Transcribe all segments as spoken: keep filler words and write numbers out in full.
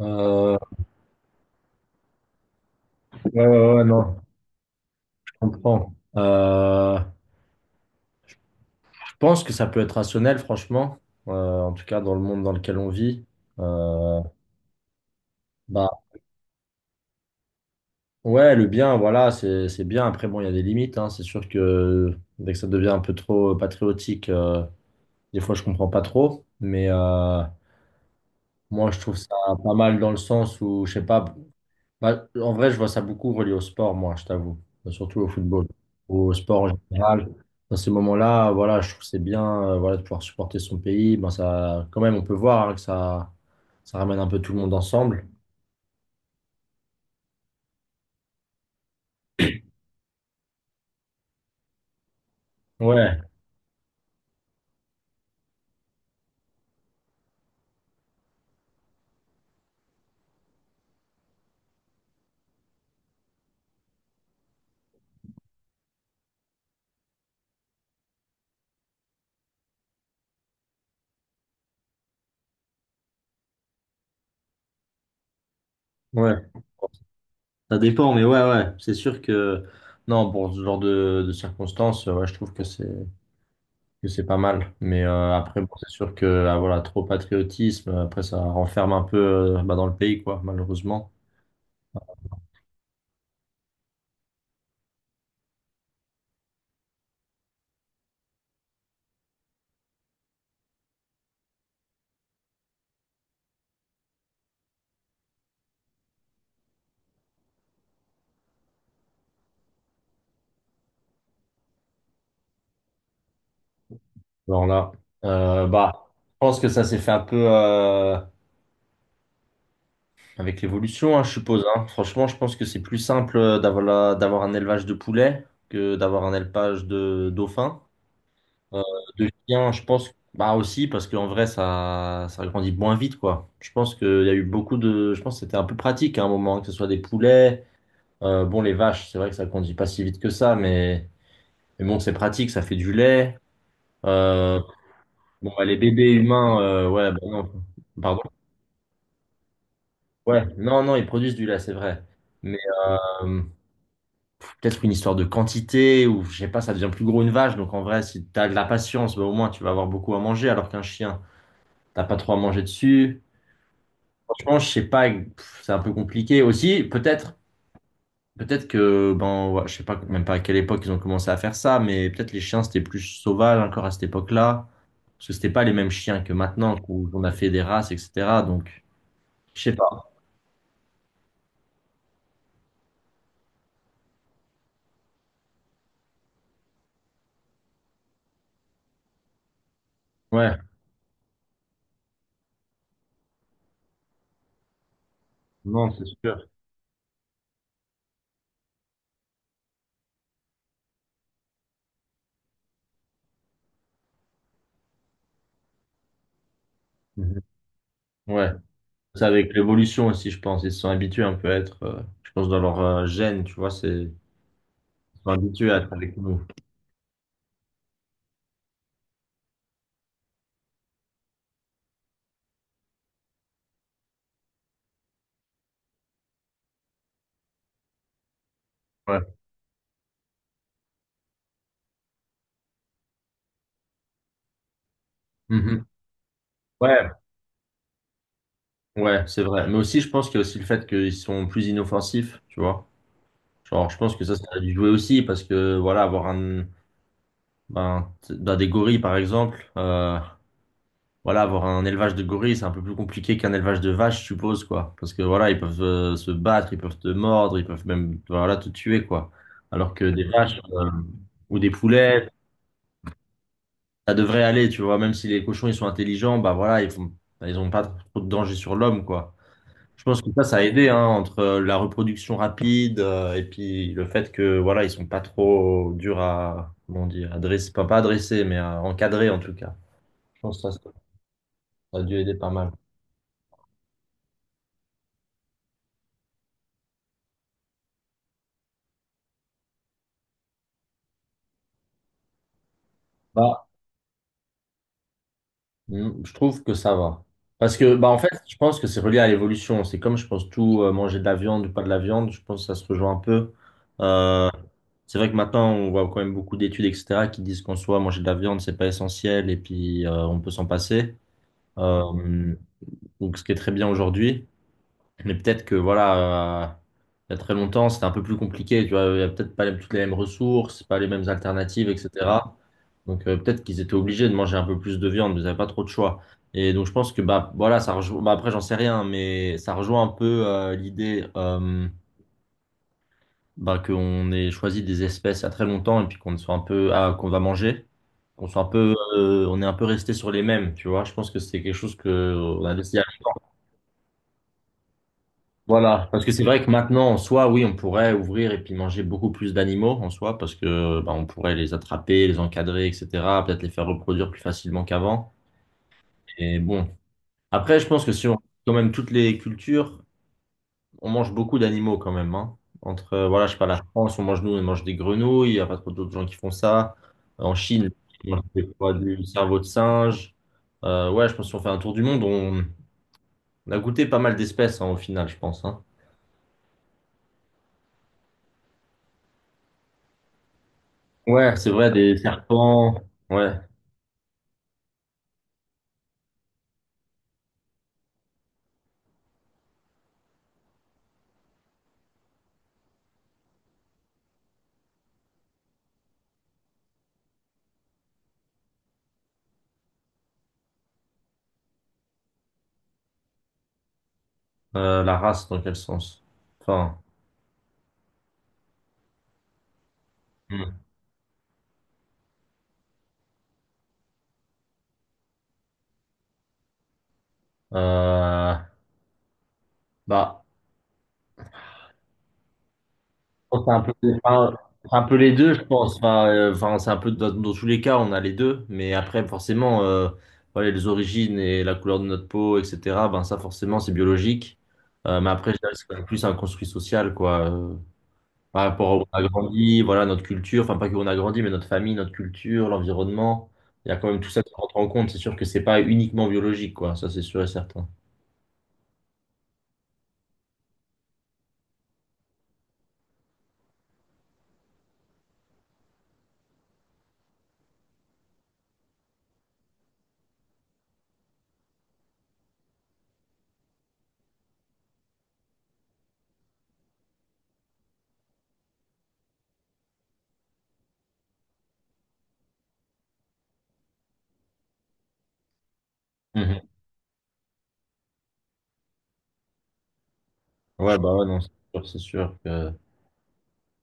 Euh, ouais, ouais, ouais, non, je comprends. Euh, je pense que ça peut être rationnel, franchement, euh, en tout cas dans le monde dans lequel on vit. Euh, bah, ouais, le bien, voilà, c'est, c'est bien. Après, bon, il y a des limites, hein. C'est sûr que dès que ça devient un peu trop patriotique, euh, des fois, je comprends pas trop. Mais euh, moi, je trouve ça pas mal dans le sens où, je sais pas, bah, en vrai, je vois ça beaucoup relié au sport, moi, je t'avoue. Bah, surtout au football, au sport en général. Dans ces moments-là, voilà, je trouve que c'est bien euh, voilà, de pouvoir supporter son pays. Ben, ça, quand même, on peut voir hein, que ça, ça ramène un peu tout le monde ensemble. Ouais, ouais. Ça dépend, mais ouais, ouais. C'est sûr que, non, pour ce genre de, de circonstances, euh, ouais, je trouve que c'est que c'est pas mal. Mais euh, après, bon, c'est sûr que, ah, voilà, trop patriotisme, après, ça renferme un peu euh, bah, dans le pays, quoi, malheureusement. Voilà. Euh, bah, je pense que ça s'est fait un peu euh, avec l'évolution, hein, je suppose. Hein. Franchement, je pense que c'est plus simple euh, d'avoir la- d'avoir un élevage de poulets que d'avoir un élevage de dauphins. Euh, de chiens, je pense, bah aussi, parce qu'en vrai, ça, ça grandit moins vite, quoi. Je pense qu'il y a eu beaucoup de. Je pense que c'était un peu pratique hein, à un moment, hein, que ce soit des poulets. Euh, bon, les vaches, c'est vrai que ça grandit pas si vite que ça, mais, mais bon, c'est pratique, ça fait du lait. Euh, bon, bah, les bébés humains, euh, ouais, bah non. Pardon? Ouais, non, non, ils produisent du lait, c'est vrai. Mais euh, pff, peut-être une histoire de quantité, ou je sais pas, ça devient plus gros une vache. Donc en vrai, si t'as de la patience, bah, au moins tu vas avoir beaucoup à manger, alors qu'un chien, t'as pas trop à manger dessus. Franchement, je sais pas, pff, c'est un peu compliqué. Aussi, peut-être, peut-être que, ben, ouais, je sais pas même pas à quelle époque ils ont commencé à faire ça, mais peut-être les chiens c'était plus sauvage encore à cette époque-là, parce que c'était pas les mêmes chiens que maintenant, où on a fait des races, et cetera. Donc, je sais pas. Ouais, non, c'est sûr. Mhm. Ouais. C'est avec l'évolution aussi, je pense. Ils se sont habitués un peu à être, euh, je pense, dans leur euh, gène, tu vois, c'est, ils sont habitués à être avec nous. Ouais. Mhm. Ouais, ouais, c'est vrai. Mais aussi, je pense qu'il y a aussi le fait qu'ils sont plus inoffensifs, tu vois. Genre, je pense que ça, ça a dû jouer aussi parce que, voilà, avoir un, ben, t- dans des gorilles, par exemple, euh, voilà, avoir un élevage de gorilles, c'est un peu plus compliqué qu'un élevage de vaches, je suppose, quoi. Parce que, voilà, ils peuvent euh, se battre, ils peuvent te mordre, ils peuvent même, voilà, te tuer, quoi. Alors que des vaches, euh, ou des poulets, ça devrait aller, tu vois, même si les cochons, ils sont intelligents, bah voilà, ils font, bah, ils ont pas trop de danger sur l'homme, quoi. Je pense que ça, ça a aidé, hein, entre euh, la reproduction rapide euh, et puis le fait que, voilà, ils sont pas trop durs à, comment dire, à dresser, pas, pas à dresser, mais à encadrer, en tout cas. Je pense que ça, ça a dû aider pas mal. Bah, mm, je trouve que ça va. Parce que, bah, en fait, je pense que c'est relié à l'évolution. C'est comme, je pense, tout euh, manger de la viande ou pas de la viande, je pense que ça se rejoint un peu. euh, C'est vrai que maintenant, on voit quand même beaucoup d'études, et cetera, qui disent qu'en soi, manger de la viande, c'est pas essentiel et puis euh, on peut s'en passer. Euh, donc, ce qui est très bien aujourd'hui. Mais peut-être que, voilà, euh, il y a très longtemps, c'était un peu plus compliqué. Tu vois, il y a peut-être pas les- toutes les mêmes ressources, pas les mêmes alternatives, et cetera. Donc, euh, peut-être qu'ils étaient obligés de manger un peu plus de viande, mais ils n'avaient pas trop de choix. Et donc, je pense que, bah, voilà, ça rejoint, bah, après, j'en sais rien, mais ça rejoint un peu euh, l'idée. Euh, bah, qu'on ait choisi des espèces il y a très longtemps et puis qu'on soit un peu ah, qu'on va manger, qu'on soit un peu euh, on est un peu resté sur les mêmes, tu vois. Je pense que c'est quelque chose que euh, on a laissé aller. Voilà, parce que c'est vrai que maintenant en soi, oui, on pourrait ouvrir et puis manger beaucoup plus d'animaux en soi parce que bah, on pourrait les attraper, les encadrer, et cetera. Peut-être les faire reproduire plus facilement qu'avant. Et bon, après, je pense que si on quand même toutes les cultures on mange beaucoup d'animaux quand même, hein. Entre, euh, voilà, je sais pas, la France, on mange, nous, on mange des grenouilles, il n'y a pas trop d'autres gens qui font ça. Euh, En Chine, on mange des fois du cerveau de singe. Euh, ouais, je pense qu'on fait un tour du monde, on, on a goûté pas mal d'espèces, hein, au final, je pense, hein. Ouais, c'est vrai, des serpents, ouais. Euh, la race, dans quel sens? Enfin, hmm. Euh, bah, pense que c'est un peu, enfin, c'est un peu les deux, je pense. Enfin, euh, enfin, c'est un peu dans, dans tous les cas, on a les deux. Mais après, forcément, euh, voilà, les origines et la couleur de notre peau, et cetera. Ben ça, forcément, c'est biologique. Euh, mais après, je dirais que c'est quand même plus un construit social, quoi. Euh, par rapport à où on a grandi, voilà, notre culture. Enfin, pas que où on a grandi, mais notre famille, notre culture, l'environnement. Il y a quand même tout ça qui rentre en compte. C'est sûr que c'est pas uniquement biologique, quoi. Ça, c'est sûr et certain. Mhm. Ouais, bah ouais, non, c'est sûr, c'est sûr que.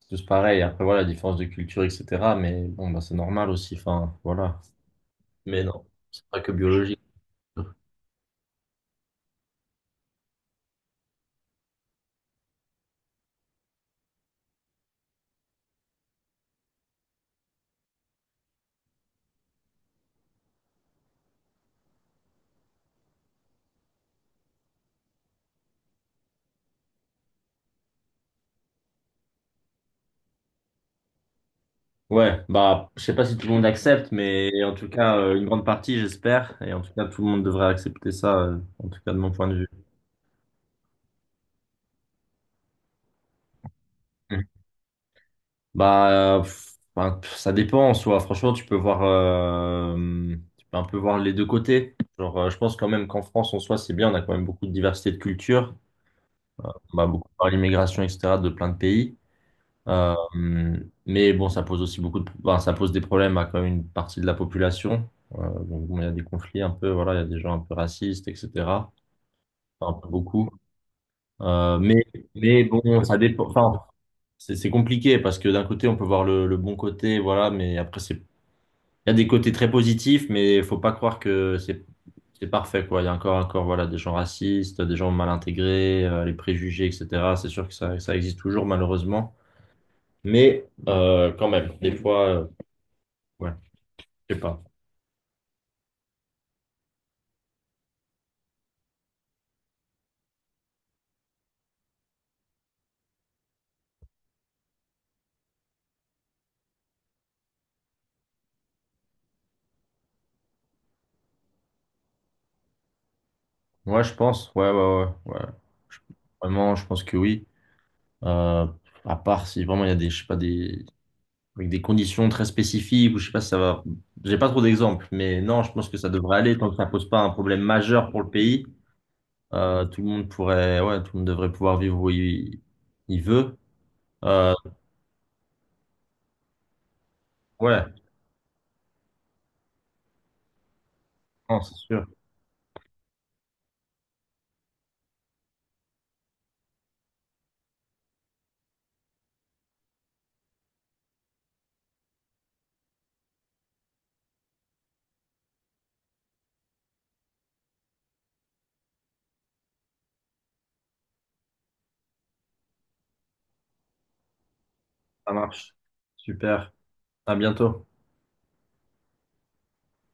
C'est tous pareil. Après, voilà, différence de culture, et cetera. Mais bon, bah, c'est normal aussi. Enfin, voilà. Mais non, c'est pas que biologique. Ouais, bah, je sais pas si tout le monde accepte, mais en tout cas, euh, une grande partie, j'espère. Et en tout cas, tout le monde devrait accepter ça, euh, en tout cas, de mon point de vue. Mhm. Bah, euh, pff, bah, pff, ça dépend en soi. Franchement, tu peux voir, euh, tu peux un peu voir les deux côtés. Genre, euh, je pense quand même qu'en France, en soi, c'est bien. On a quand même beaucoup de diversité de culture. Bah, beaucoup par l'immigration, et cetera, de plein de pays. Euh, mais bon, ça pose aussi beaucoup de, enfin, ça pose des problèmes à quand même une partie de la population. Euh, donc, bon, il y a des conflits un peu, voilà, il y a des gens un peu racistes, et cetera. Enfin, un peu beaucoup. Euh, mais, mais bon, ça dépend. Enfin, c'est c'est compliqué parce que d'un côté, on peut voir le, le bon côté, voilà, mais après, c'est, il y a des côtés très positifs, mais faut pas croire que c'est c'est parfait, quoi. Il y a encore, encore, voilà, des gens racistes, des gens mal intégrés, euh, les préjugés, et cetera. C'est sûr que ça, ça existe toujours, malheureusement. Mais euh, quand même, des fois. euh, Ouais, je sais pas. Ouais, je pense. Ouais, ouais, ouais, ouais. Je- vraiment, je pense que oui. Euh, à part si vraiment il y a des, je sais pas, des, avec des conditions très spécifiques ou je sais pas si ça va. J'ai pas trop d'exemples, mais non, je pense que ça devrait aller tant que ça pose pas un problème majeur pour le pays. Euh, tout le monde pourrait, ouais, tout le monde devrait pouvoir vivre où il, il veut. Euh, ouais, non, c'est sûr. Ça marche. Super. À bientôt.